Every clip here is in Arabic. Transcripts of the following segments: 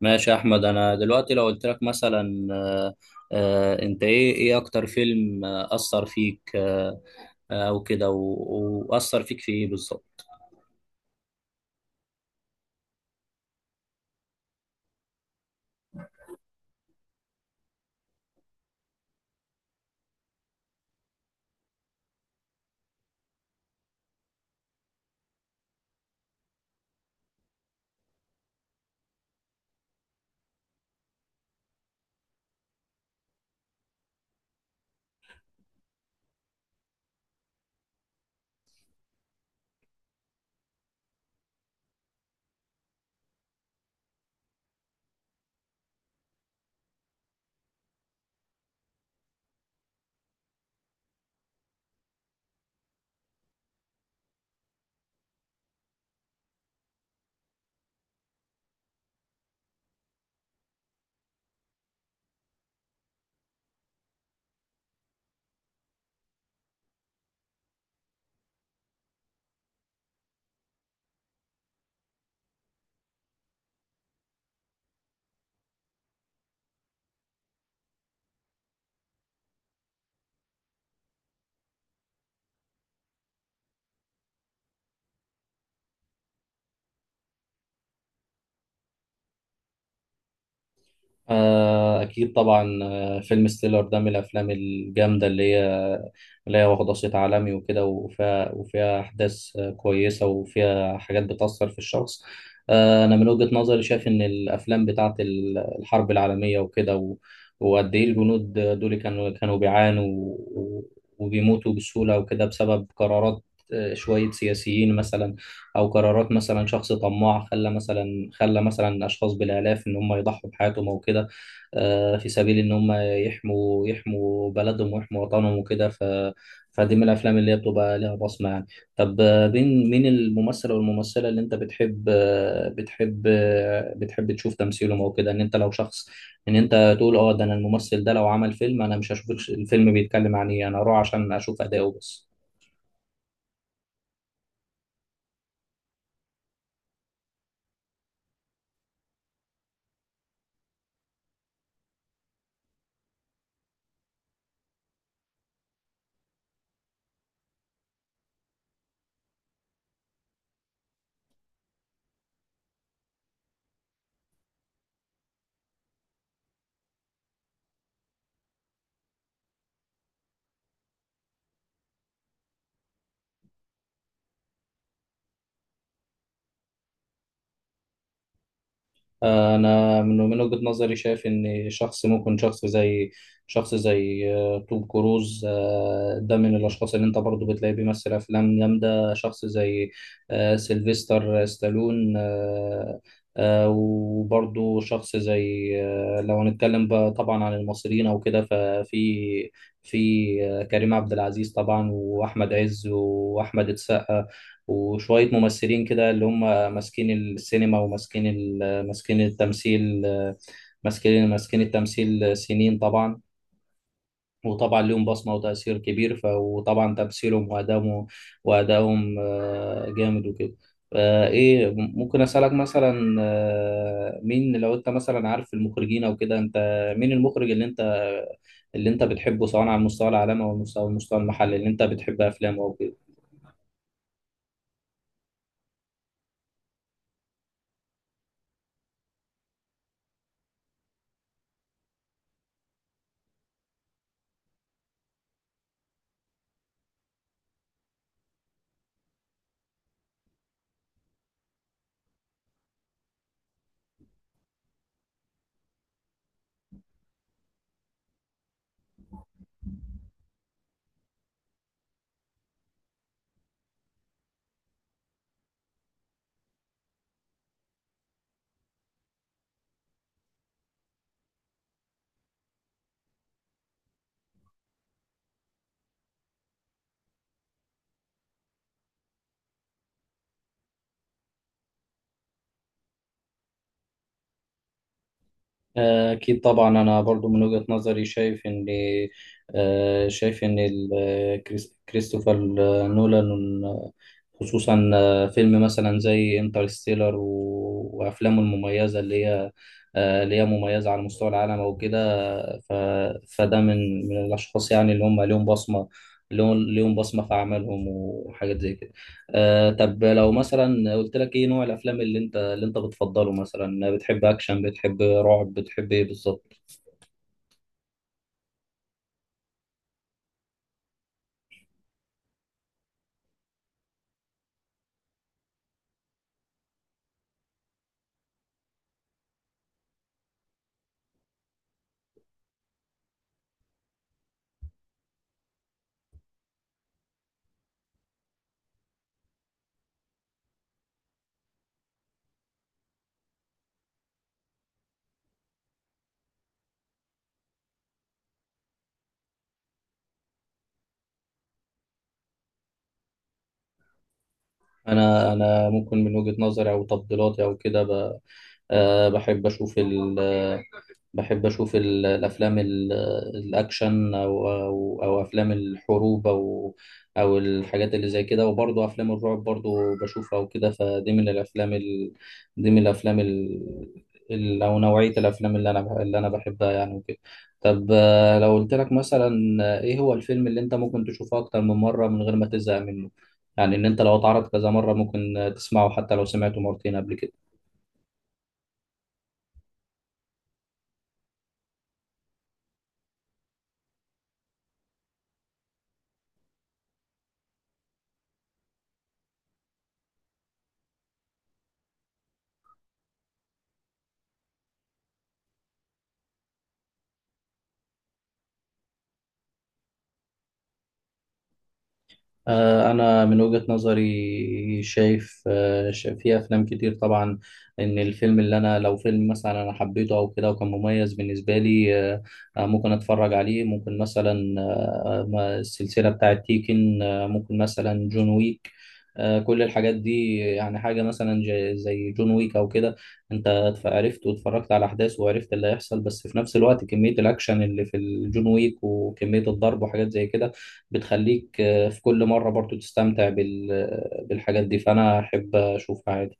ماشي يا احمد. انا دلوقتي لو قلت لك مثلا انت ايه اكتر فيلم اثر فيك؟ او كده واثر فيك في ايه بالظبط؟ أكيد طبعا. فيلم ستيلر ده من الأفلام الجامدة اللي هي واخدة صيت عالمي وكده، وفيها أحداث كويسة، وفيها حاجات بتأثر في الشخص. أنا من وجهة نظري شايف إن الأفلام بتاعت الحرب العالمية وكده وقد إيه الجنود دول كانوا بيعانوا وبيموتوا بسهولة وكده بسبب قرارات شوية سياسيين مثلا، او قرارات مثلا شخص طماع خلى مثلا خلى مثلا اشخاص بالالاف ان هم يضحوا بحياتهم او كده، في سبيل ان هم يحموا بلدهم ويحموا وطنهم وكده. فدي من الافلام اللي هي بتبقى ليها بصمه يعني. طب مين الممثل او الممثله اللي انت بتحب بتحب تشوف تمثيلهم او كده؟ ان انت لو شخص، ان انت تقول اه ده انا الممثل ده لو عمل فيلم انا مش هشوف الفيلم بيتكلم عن ايه، انا اروح عشان اشوف اداؤه بس. انا من وجهة نظري شايف ان شخص ممكن، شخص زي توم كروز، ده من الاشخاص اللي انت برضو بتلاقيه بيمثل افلام جامده. شخص زي سيلفستر ستالون، وبرضو شخص زي لو هنتكلم بقى طبعا عن المصريين او كده، ففي في آه، كريم عبد العزيز طبعا، واحمد عز، واحمد السقا، وشوية ممثلين كده اللي هم ماسكين السينما، ماسكين التمثيل. ماسكين التمثيل سنين طبعا، وطبعا ليهم بصمة وتأثير كبير. وطبعا تمثيلهم وأدائهم جامد وكده. إيه، ممكن أسألك مثلا مين، لو أنت مثلا عارف المخرجين أو كده، أنت مين المخرج اللي أنت بتحبه، سواء على المستوى العالمي أو المستوى المحلي، اللي أنت بتحب أفلامه أو كده؟ أكيد طبعا. أنا برضو من وجهة نظري شايف إن شايف إن كريستوفر نولان، خصوصا فيلم مثلا زي انترستيلر وأفلامه المميزة، اللي هي مميزة على مستوى العالم أو كده. ف... فده من الأشخاص يعني اللي هم ليهم بصمة، ليهم بصمة في أعمالهم وحاجات زي كده. آه، طب لو مثلا قلت لك إيه نوع الأفلام اللي أنت بتفضله؟ مثلا بتحب أكشن، بتحب رعب، بتحب إيه بالظبط؟ أنا ممكن من وجهة نظري أو تفضيلاتي أو كده ب... آه بحب أشوف الأكشن، بحب أشوف الأفلام الأكشن أو أفلام الحروب، أو أو الحاجات اللي زي كده، وبرضه أفلام الرعب برضه بشوفها وكده. فدي من الأفلام ال... دي من الأفلام ال... ال... أو نوعية الأفلام اللي اللي أنا بحبها يعني وكده. طب لو قلت لك مثلا إيه هو الفيلم اللي أنت ممكن تشوفه أكتر من مرة من غير ما تزهق منه؟ يعني إن أنت لو اتعرض كذا مرة ممكن تسمعه حتى لو سمعته مرتين قبل كده. أنا من وجهة نظري شايف في أفلام كتير طبعا إن الفيلم اللي أنا، لو فيلم مثلا أنا حبيته أو كده وكان مميز بالنسبة لي، ممكن أتفرج عليه. ممكن مثلا السلسلة بتاعة تيكن، ممكن مثلا جون ويك، كل الحاجات دي. يعني حاجة مثلا زي جون ويك أو كده، أنت عرفت واتفرجت على أحداث وعرفت اللي هيحصل، بس في نفس الوقت كمية الأكشن اللي في الجون ويك وكمية الضرب وحاجات زي كده بتخليك في كل مرة برضو تستمتع بالحاجات دي، فأنا أحب أشوفها عادي.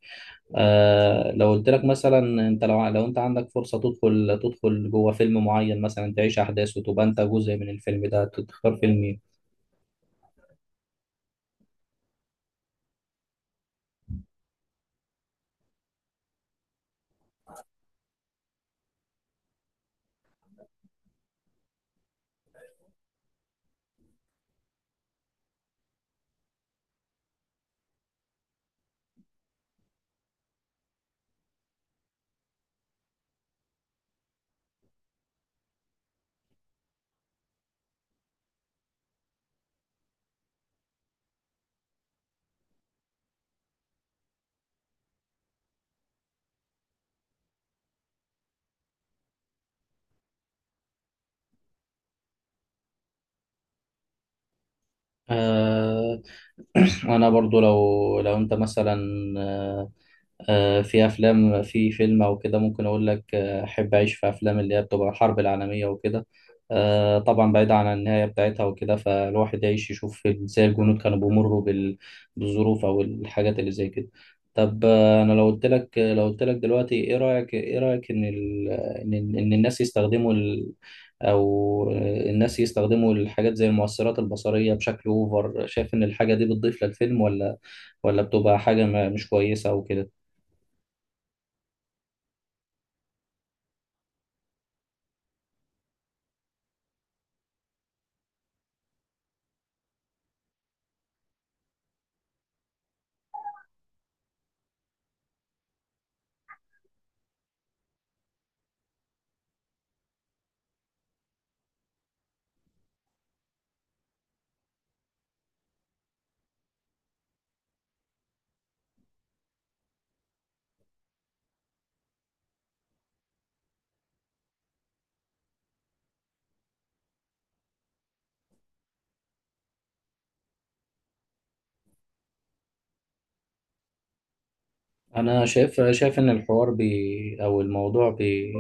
آه، لو قلت لك مثلا، أنت لو أنت عندك فرصة تدخل جوه فيلم معين، مثلا تعيش أحداث وتبقى أنت جزء من الفيلم ده، تختار فيلم إيه؟ آه. أنا برضو لو أنت مثلا آه، في افلام، في فيلم او كده ممكن اقول لك احب اعيش في افلام اللي هي بتبقى الحرب العالميه وكده. طبعا بعيد عن النهايه بتاعتها وكده، فالواحد يعيش يشوف ازاي الجنود كانوا بيمروا بالظروف او الحاجات اللي زي كده. طب انا لو قلت لك دلوقتي ايه رايك ان ان الناس يستخدموا ال... او آه، الناس يستخدموا الحاجات زي المؤثرات البصريه بشكل اوفر، شايف ان الحاجه دي بتضيف للفيلم، ولا بتبقى حاجه مش كويسه او كده؟ انا شايف ان الحوار بي او الموضوع بي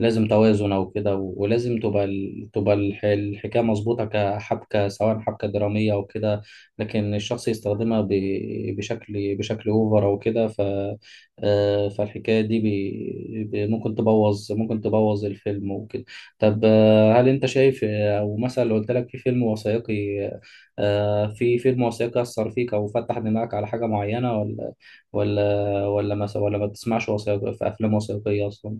لازم توازن او كده، ولازم تبقى الحكايه مظبوطه كحبكه سواء حبكه دراميه او كده، لكن الشخص يستخدمها بشكل بشكل اوفر او كده. ف آه، فالحكايه دي ممكن تبوظ، ممكن تبوظ الفيلم وكده. طب هل انت شايف او مثلا لو قلت لك في فيلم وثائقي في فيلم وثائقي اثر فيك او فتح دماغك على حاجه معينه، ولا ولا مثلا ولا ما بتسمعش وثائقي، في افلام وثائقيه اصلا؟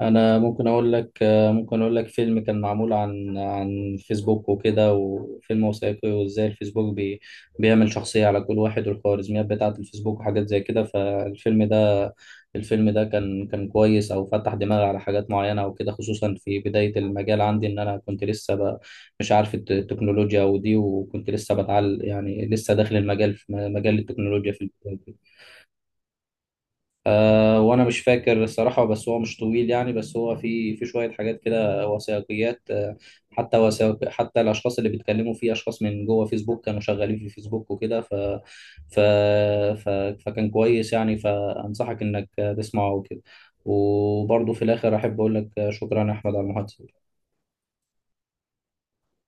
انا ممكن اقول لك ممكن اقول لك فيلم كان معمول عن عن فيسبوك وكده، وفيلم وثائقي وازاي الفيسبوك بيعمل شخصيه على كل واحد، والخوارزميات بتاعه الفيسبوك وحاجات زي كده. فالفيلم ده كان كويس او فتح دماغي على حاجات معينه او كده، خصوصا في بدايه المجال عندي، ان انا كنت لسه مش عارف التكنولوجيا ودي، وكنت لسه بتعلم يعني، لسه داخل المجال في مجال التكنولوجيا في البداية. آه، وانا مش فاكر الصراحه، بس هو مش طويل يعني، بس هو في في شويه حاجات كده وثائقيات آه، حتى حتى الاشخاص اللي بيتكلموا فيه اشخاص من جوه فيسبوك كانوا شغالين في فيسبوك وكده. ف, ف ف فكان كويس يعني، فانصحك انك تسمعه وكده. وبرضه في الاخر احب اقول لك شكرا يا احمد على المحادثه.